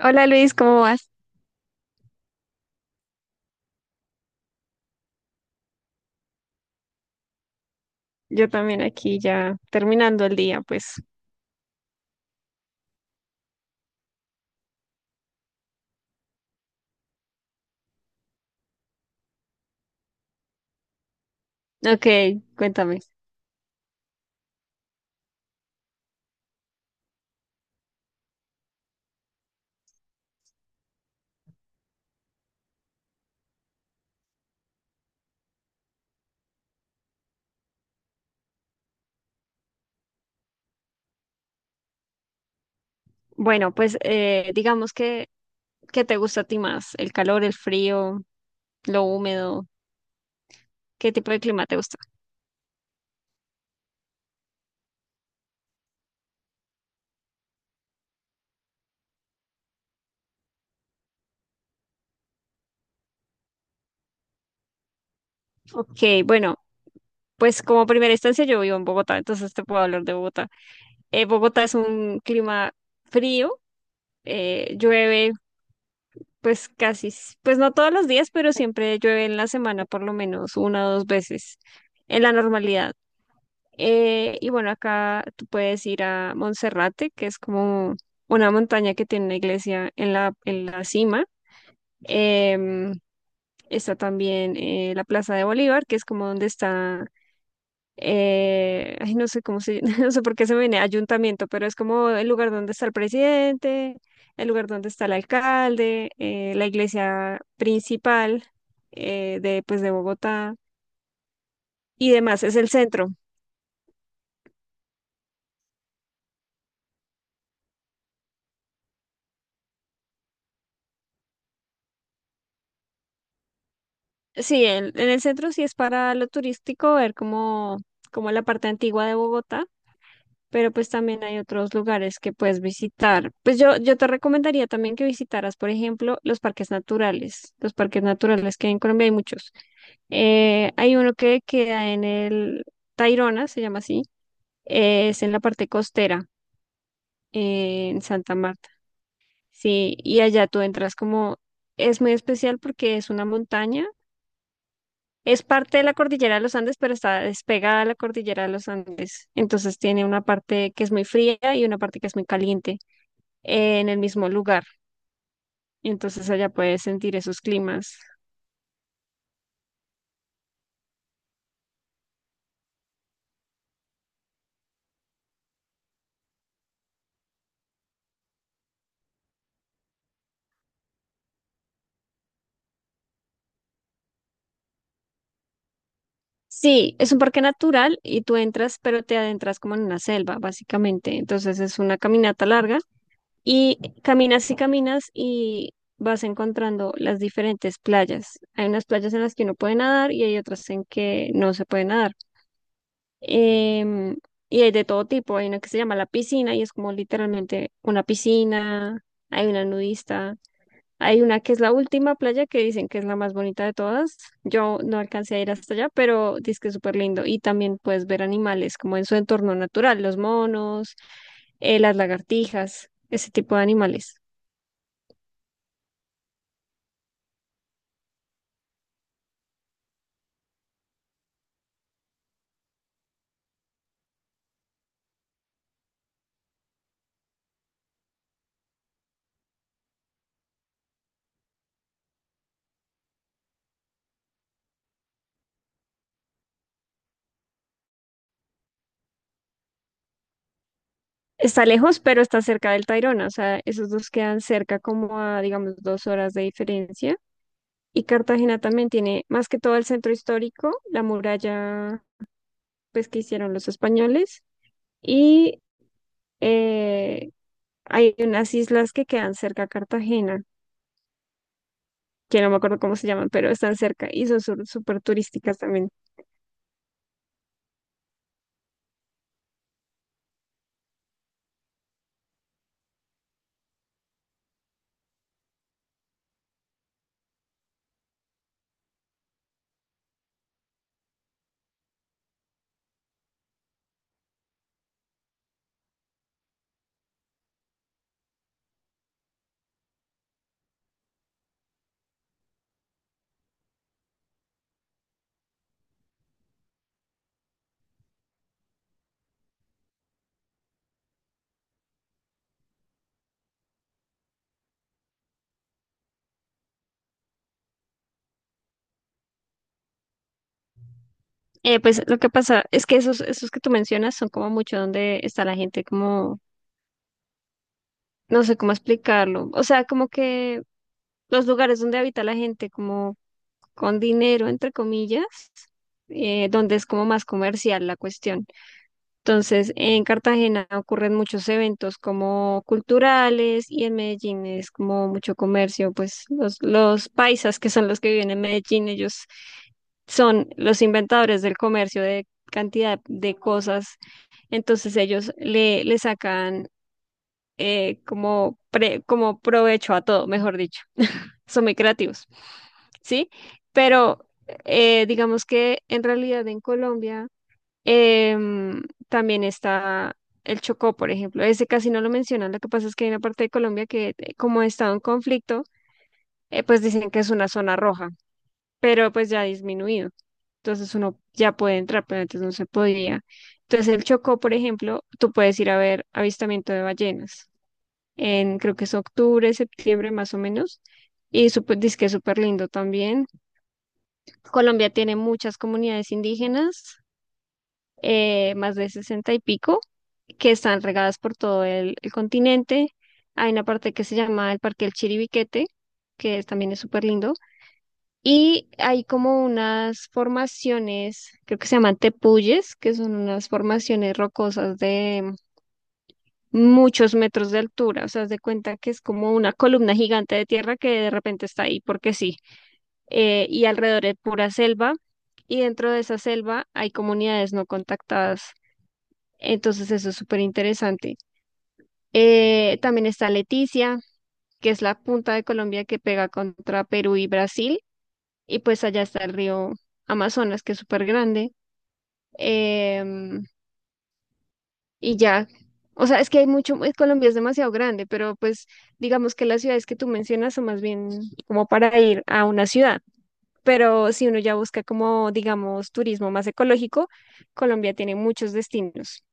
Hola Luis, ¿cómo vas? Yo también aquí ya terminando el día, pues. Ok, cuéntame. Bueno, pues digamos que, ¿qué te gusta a ti más? ¿El calor, el frío, lo húmedo? ¿Qué tipo de clima te gusta? Ok, bueno, pues como primera instancia yo vivo en Bogotá, entonces te puedo hablar de Bogotá. Bogotá es un clima frío, llueve pues casi, pues no todos los días, pero siempre llueve en la semana por lo menos una o dos veces en la normalidad. Y bueno, acá tú puedes ir a Monserrate, que es como una montaña que tiene una iglesia en en la cima. Em, está también la Plaza de Bolívar, que es como donde está, ay, no sé cómo se, no sé por qué se me viene ayuntamiento, pero es como el lugar donde está el presidente, el lugar donde está el alcalde, la iglesia principal de, pues, de Bogotá y demás. Es el centro. Sí, en el centro sí es para lo turístico, ver como, como la parte antigua de Bogotá, pero pues también hay otros lugares que puedes visitar. Pues yo te recomendaría también que visitaras, por ejemplo, los parques naturales. Los parques naturales que hay en Colombia hay muchos. Hay uno que queda en el Tayrona, se llama así, es en la parte costera, en Santa Marta. Sí, y allá tú entras como, es muy especial porque es una montaña. Es parte de la cordillera de los Andes, pero está despegada a la cordillera de los Andes. Entonces tiene una parte que es muy fría y una parte que es muy caliente en el mismo lugar. Entonces allá puedes sentir esos climas. Sí, es un parque natural y tú entras, pero te adentras como en una selva, básicamente. Entonces es una caminata larga y caminas y caminas y vas encontrando las diferentes playas. Hay unas playas en las que uno puede nadar y hay otras en que no se puede nadar. em, y hay de todo tipo. Hay una que se llama La Piscina y es como literalmente una piscina. Hay una nudista. Hay una que es la última playa que dicen que es la más bonita de todas. Yo no alcancé a ir hasta allá, pero dice que es súper lindo. Y también puedes ver animales como en su entorno natural, los monos, las lagartijas, ese tipo de animales. Está lejos, pero está cerca del Tayrona. O sea, esos dos quedan cerca como a, digamos, dos horas de diferencia. Y Cartagena también tiene más que todo el centro histórico, la muralla pues que hicieron los españoles y eh, hay unas islas que quedan cerca a Cartagena, que no me acuerdo cómo se llaman, pero están cerca y son súper turísticas también. Pues lo que pasa es que esos que tú mencionas son como mucho donde está la gente, como no sé cómo explicarlo, o sea, como que los lugares donde habita la gente como con dinero, entre comillas, donde es como más comercial la cuestión. Entonces, en Cartagena ocurren muchos eventos como culturales y en Medellín es como mucho comercio, pues los paisas que son los que viven en Medellín, ellos son los inventadores del comercio de cantidad de cosas, entonces ellos le sacan como, como provecho a todo, mejor dicho, son muy creativos, ¿sí? Pero digamos que en realidad en Colombia Em, también está el Chocó, por ejemplo. Ese casi no lo mencionan. Lo que pasa es que hay una parte de Colombia que, como ha estado en conflicto, pues dicen que es una zona roja, pero pues ya ha disminuido. Entonces uno ya puede entrar, pero antes no se podía. Entonces el Chocó, por ejemplo, tú puedes ir a ver avistamiento de ballenas. En, creo que es octubre, septiembre más o menos. Y súper, que es súper lindo también. Colombia tiene muchas comunidades indígenas, más de sesenta y pico, que están regadas por todo el continente. Hay una parte que se llama el Parque del Chiribiquete, también es súper lindo. Y hay como unas formaciones, creo que se llaman tepuyes, que son unas formaciones rocosas de muchos metros de altura. O sea, haz de cuenta que es como una columna gigante de tierra que de repente está ahí, porque sí. Y alrededor es pura selva. Y dentro de esa selva hay comunidades no contactadas. Entonces eso es súper interesante. También está Leticia, que es la punta de Colombia que pega contra Perú y Brasil. Y pues allá está el río Amazonas, que es súper grande. Em, y ya, o sea, es que hay mucho, Colombia es demasiado grande, pero pues digamos que las ciudades que tú mencionas son más bien como para ir a una ciudad. Pero si uno ya busca como, digamos, turismo más ecológico, Colombia tiene muchos destinos.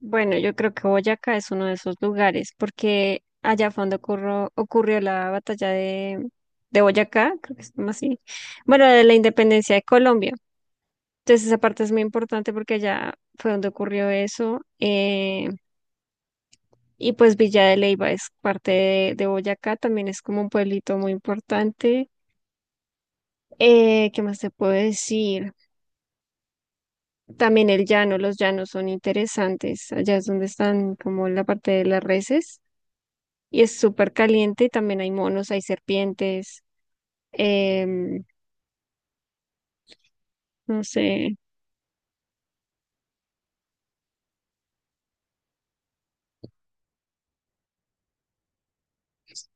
Bueno, yo creo que Boyacá es uno de esos lugares, porque allá fue donde ocurrió la batalla de Boyacá, creo que es como así, bueno, de la independencia de Colombia. Entonces esa parte es muy importante porque allá fue donde ocurrió eso. Y pues Villa de Leyva es parte de Boyacá, también es como un pueblito muy importante. ¿Qué más te puedo decir? También el llano, los llanos son interesantes. Allá es donde están como la parte de las reses. Y es súper caliente y también hay monos, hay serpientes, em, no sé,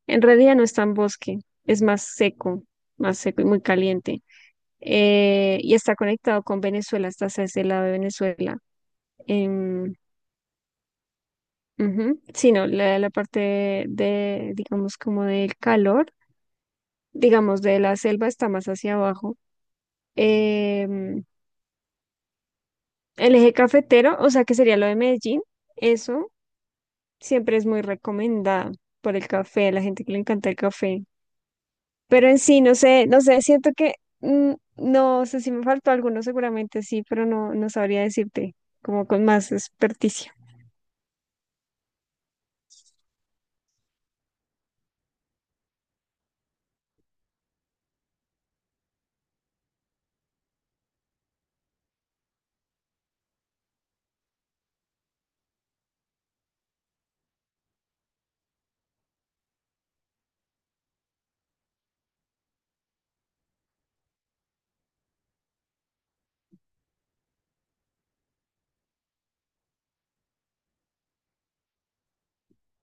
en realidad no es tan bosque, es más seco y muy caliente. Y está conectado con Venezuela, está hacia ese lado de Venezuela. Em, ujú. Sí, no, la parte de, digamos, como del calor, digamos, de la selva está más hacia abajo. Em, el eje cafetero, o sea, que sería lo de Medellín, eso, siempre es muy recomendada por el café, la gente que le encanta el café. Pero en sí, no sé, no sé, siento que no sé si me faltó alguno, seguramente sí, pero no, no sabría decirte como con más experticia.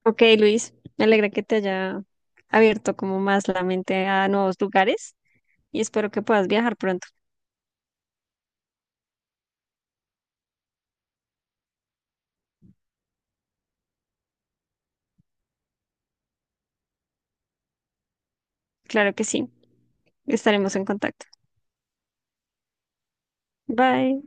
Ok, Luis, me alegra que te haya abierto como más la mente a nuevos lugares y espero que puedas viajar pronto. Claro que sí, estaremos en contacto. Bye.